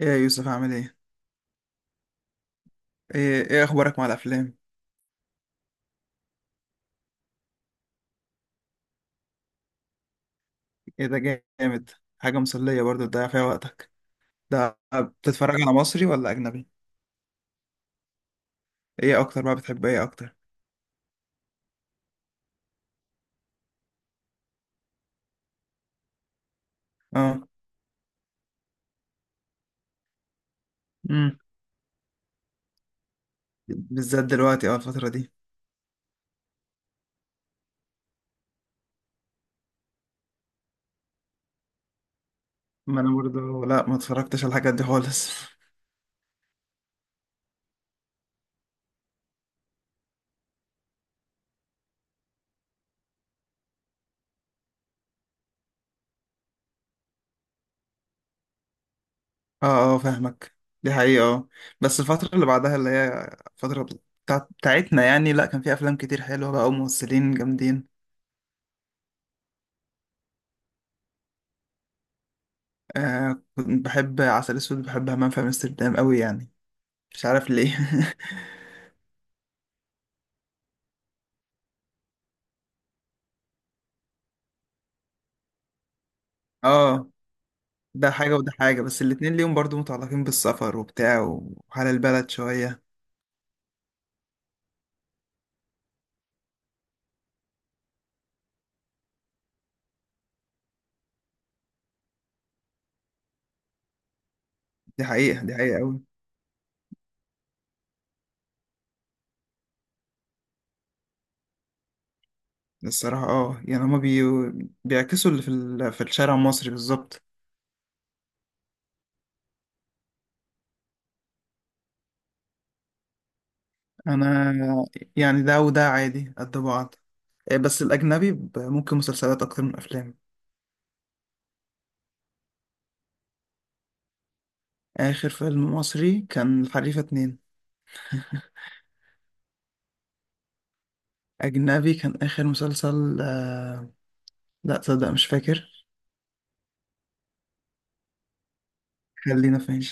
ايه يا يوسف عامل ايه؟ ايه اخبارك مع الافلام؟ ايه ده جامد. حاجة مسلية برضه تضيع فيها وقتك. ده بتتفرج على مصري ولا اجنبي؟ ايه اكتر بقى، بتحب ايه اكتر؟ اه. امم، بالذات دلوقتي الفترة دي. ما انا برضه، لا، ما اتفرجتش على الحاجات دي خالص. اه اه، فاهمك. دي حقيقة اه بس الفترة اللي بعدها، اللي هي الفترة بتاعت بتاعتنا يعني، لا كان في افلام كتير حلوة بقى، وممثلين جامدين. آه، كنت بحب عسل اسود، بحب همام في امستردام قوي يعني، مش عارف ليه. اه، ده حاجة وده حاجة، بس الاتنين ليهم برضو متعلقين بالسفر وبتاع وحال البلد شوية. دي حقيقة، دي حقيقة أوي. الصراحة، يعني هما بيعكسوا اللي في الشارع المصري بالظبط. أنا يعني، ده وده عادي قد بعض. بس الأجنبي، ممكن مسلسلات أكتر من أفلام. آخر فيلم مصري كان الحريفة 2. أجنبي كان آخر مسلسل لا تصدق، مش فاكر. خلينا فين؟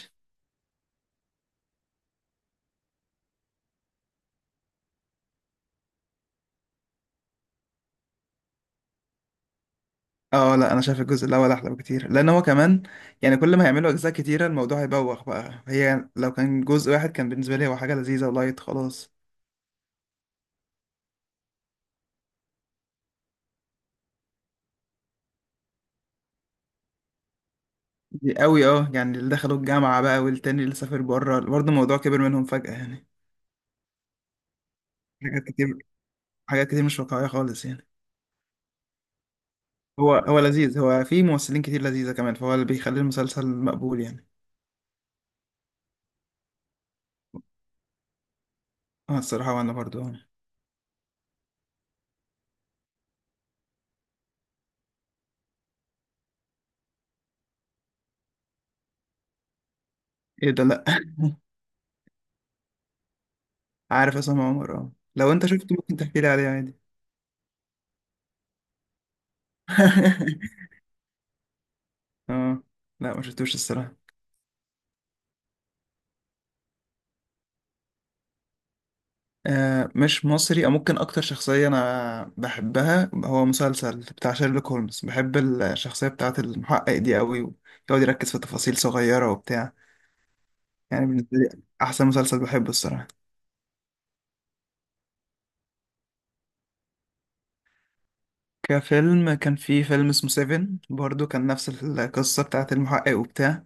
اه، لا، انا شايف الجزء الاول احلى بكتير، لان هو كمان يعني كل ما هيعملوا اجزاء كتيره الموضوع هيبوخ بقى. هي لو كان جزء واحد كان بالنسبه لي هو حاجه لذيذه ولايت خلاص. دي قوي، يعني اللي دخلوا الجامعه بقى، والتاني اللي سافر بره، برضه الموضوع كبر منهم فجاه يعني. حاجات كتير، حاجات كتير مش واقعيه خالص يعني. هو لذيذ، هو فيه ممثلين كتير لذيذه كمان، فهو اللي بيخلي المسلسل مقبول يعني. اه الصراحه، وانا برضه. ايه ده، لا. عارف اسامه عمر، لو انت شفته ممكن تحكي لي عليه عادي. اه، لا، ما شفتوش الصراحه. مش مصري، او ممكن اكتر شخصية انا بحبها هو مسلسل بتاع شيرلوك هولمز. بحب الشخصية بتاعة المحقق دي قوي، ويقعد يركز في تفاصيل صغيرة وبتاع. يعني بالنسبة لي احسن مسلسل بحبه الصراحة. كفيلم، كان في فيلم اسمه سيفن برضو، كان نفس القصة بتاعة المحقق وبتاع.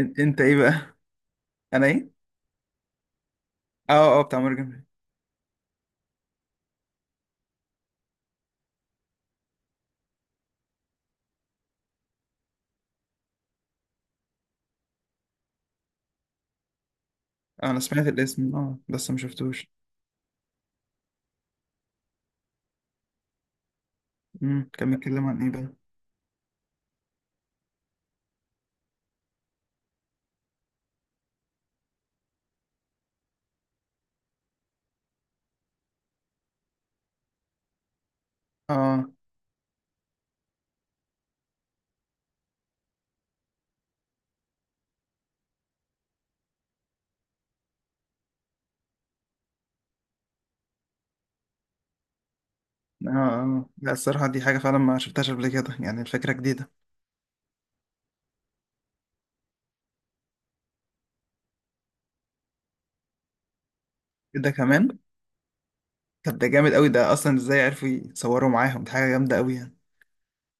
انت ايه بقى؟ انا ايه؟ اه اه، بتاع مورجان. انا سمعت الاسم اه، بس ما شفتوش. كان بيتكلم عن ايه بقى؟ اه اه اه، لا الصراحة دي حاجة فعلا ما شفتهاش قبل كده يعني، الفكرة جديدة. ده كمان؟ طب ده جامد قوي، ده اصلا ازاي عرفوا يصوروا معاهم؟ دي حاجه جامده قوي يعني.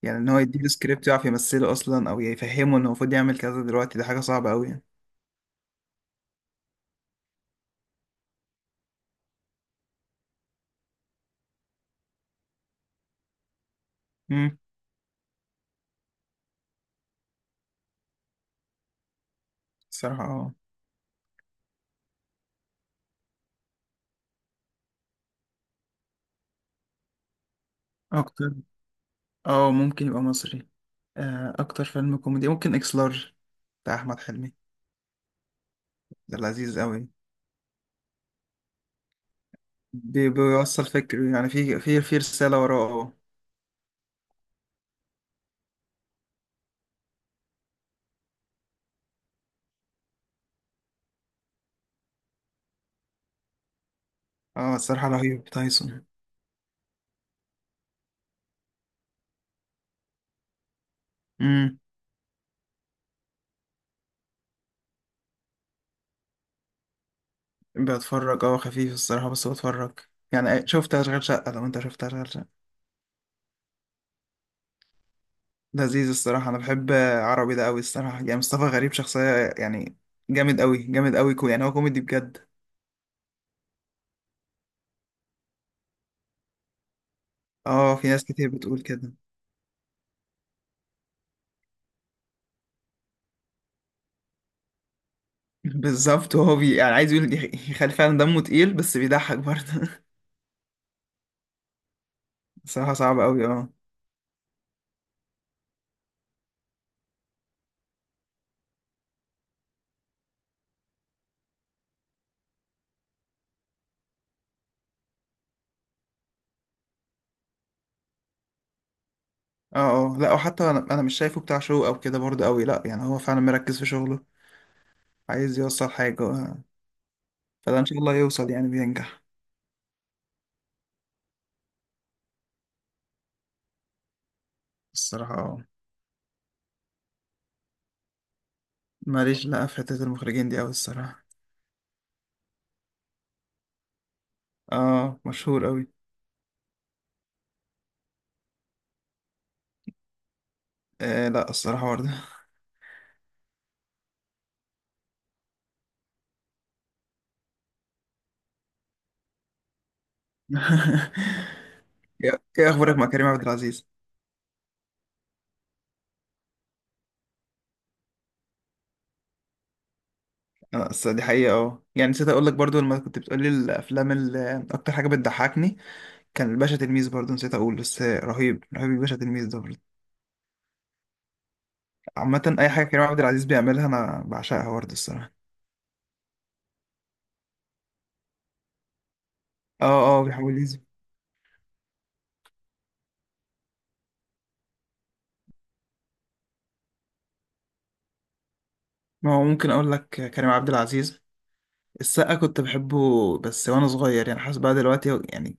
يعني ان هو يديله سكريبت يعرف يمثله اصلا، او يفهمه انه المفروض يعمل كذا دلوقتي، دي حاجه صعبه قوي يعني. امم الصراحه اه اكتر اه ممكن يبقى مصري. اكتر فيلم كوميدي ممكن اكس لارج، بتاع احمد حلمي. ده لذيذ قوي. بيوصل فكر يعني، في في في رساله وراه. اه اه الصراحه، رهيب تايسون. امم بتفرج، خفيف الصراحه بس بتفرج. يعني، شفت اشغال شقه؟ لو انت شفت اشغال شقه. لذيذ الصراحة، أنا بحب عربي ده أوي الصراحة، يعني مصطفى غريب شخصية يعني جامد أوي، جامد أوي. كو يعني، هو كوميدي بجد. اه، في ناس كتير بتقول كده. بالظبط. وهو بي يعني عايز يقول يخلي فعلا دمه تقيل بس بيضحك برضه. صراحة صعب أوي اه اه اه، لا، وحتى أنا مش شايفه بتاع شو أو كده برضه أوي، لا يعني، هو فعلا مركز في شغله، عايز يوصل حاجة. فده إن شاء الله يوصل يعني، بينجح. الصراحة اه ماليش، لا، في حتة المخرجين دي أوي الصراحة. اه، مشهور أوي. آه لا، الصراحة برضه. إيه اخبارك مع كريم عبد العزيز؟ انا أصل دي حقيقه، يعني نسيت اقول لك برضو، لما كنت بتقولي الافلام اللي اكتر حاجه بتضحكني، كان الباشا تلميذ. برضو نسيت اقول بس، رهيب رهيب الباشا تلميذ ده برضو. عامه اي حاجه كريم عبد العزيز بيعملها انا بعشقها برضو الصراحه. اه اه، بيحاول يزي. ما هو ممكن اقول لك كريم عبد العزيز. السقا كنت بحبه بس وانا صغير، يعني حاسس بقى دلوقتي يعني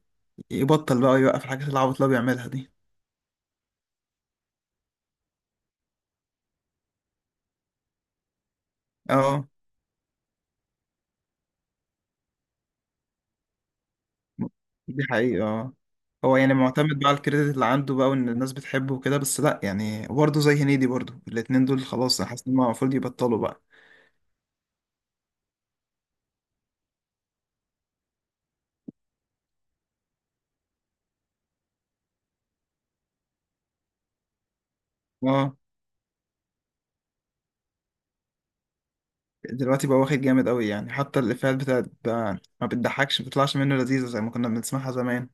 يبطل بقى، يوقف الحاجات العبط اللي هو بيعملها دي. اه، دي حقيقة اه هو يعني معتمد بقى على الكريدت اللي عنده بقى، وان الناس بتحبه وكده، بس لا يعني برضه زي هنيدي برضه، الاتنين دول خلاص انا حاسس ان هم المفروض يبطلوا بقى. اه، دلوقتي بقى واخد جامد قوي يعني، حتى الافيهات بتاعت بقى ما بتضحكش، ما بتطلعش منه لذيذة زي ما كنا بنسمعها زمان.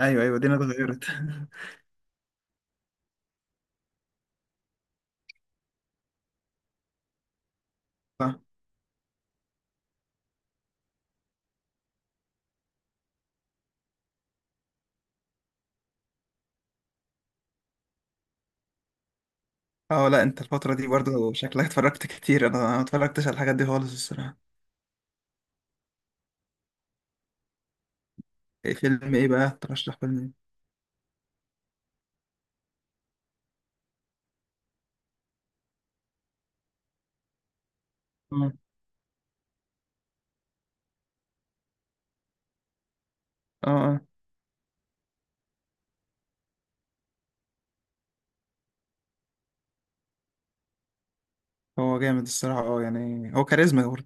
ايوه ايوه، دينا اتغيرت. صح. اه لا، انت الفترة دي برضه شكلك اتفرجت كتير، انا ما اتفرجتش على الحاجات دي خالص الصراحة. إيه فيلم ايه بقى؟ ترشح فيلم ايه؟ اه اه. هو جامد الصراحة، يعني هو كاريزما.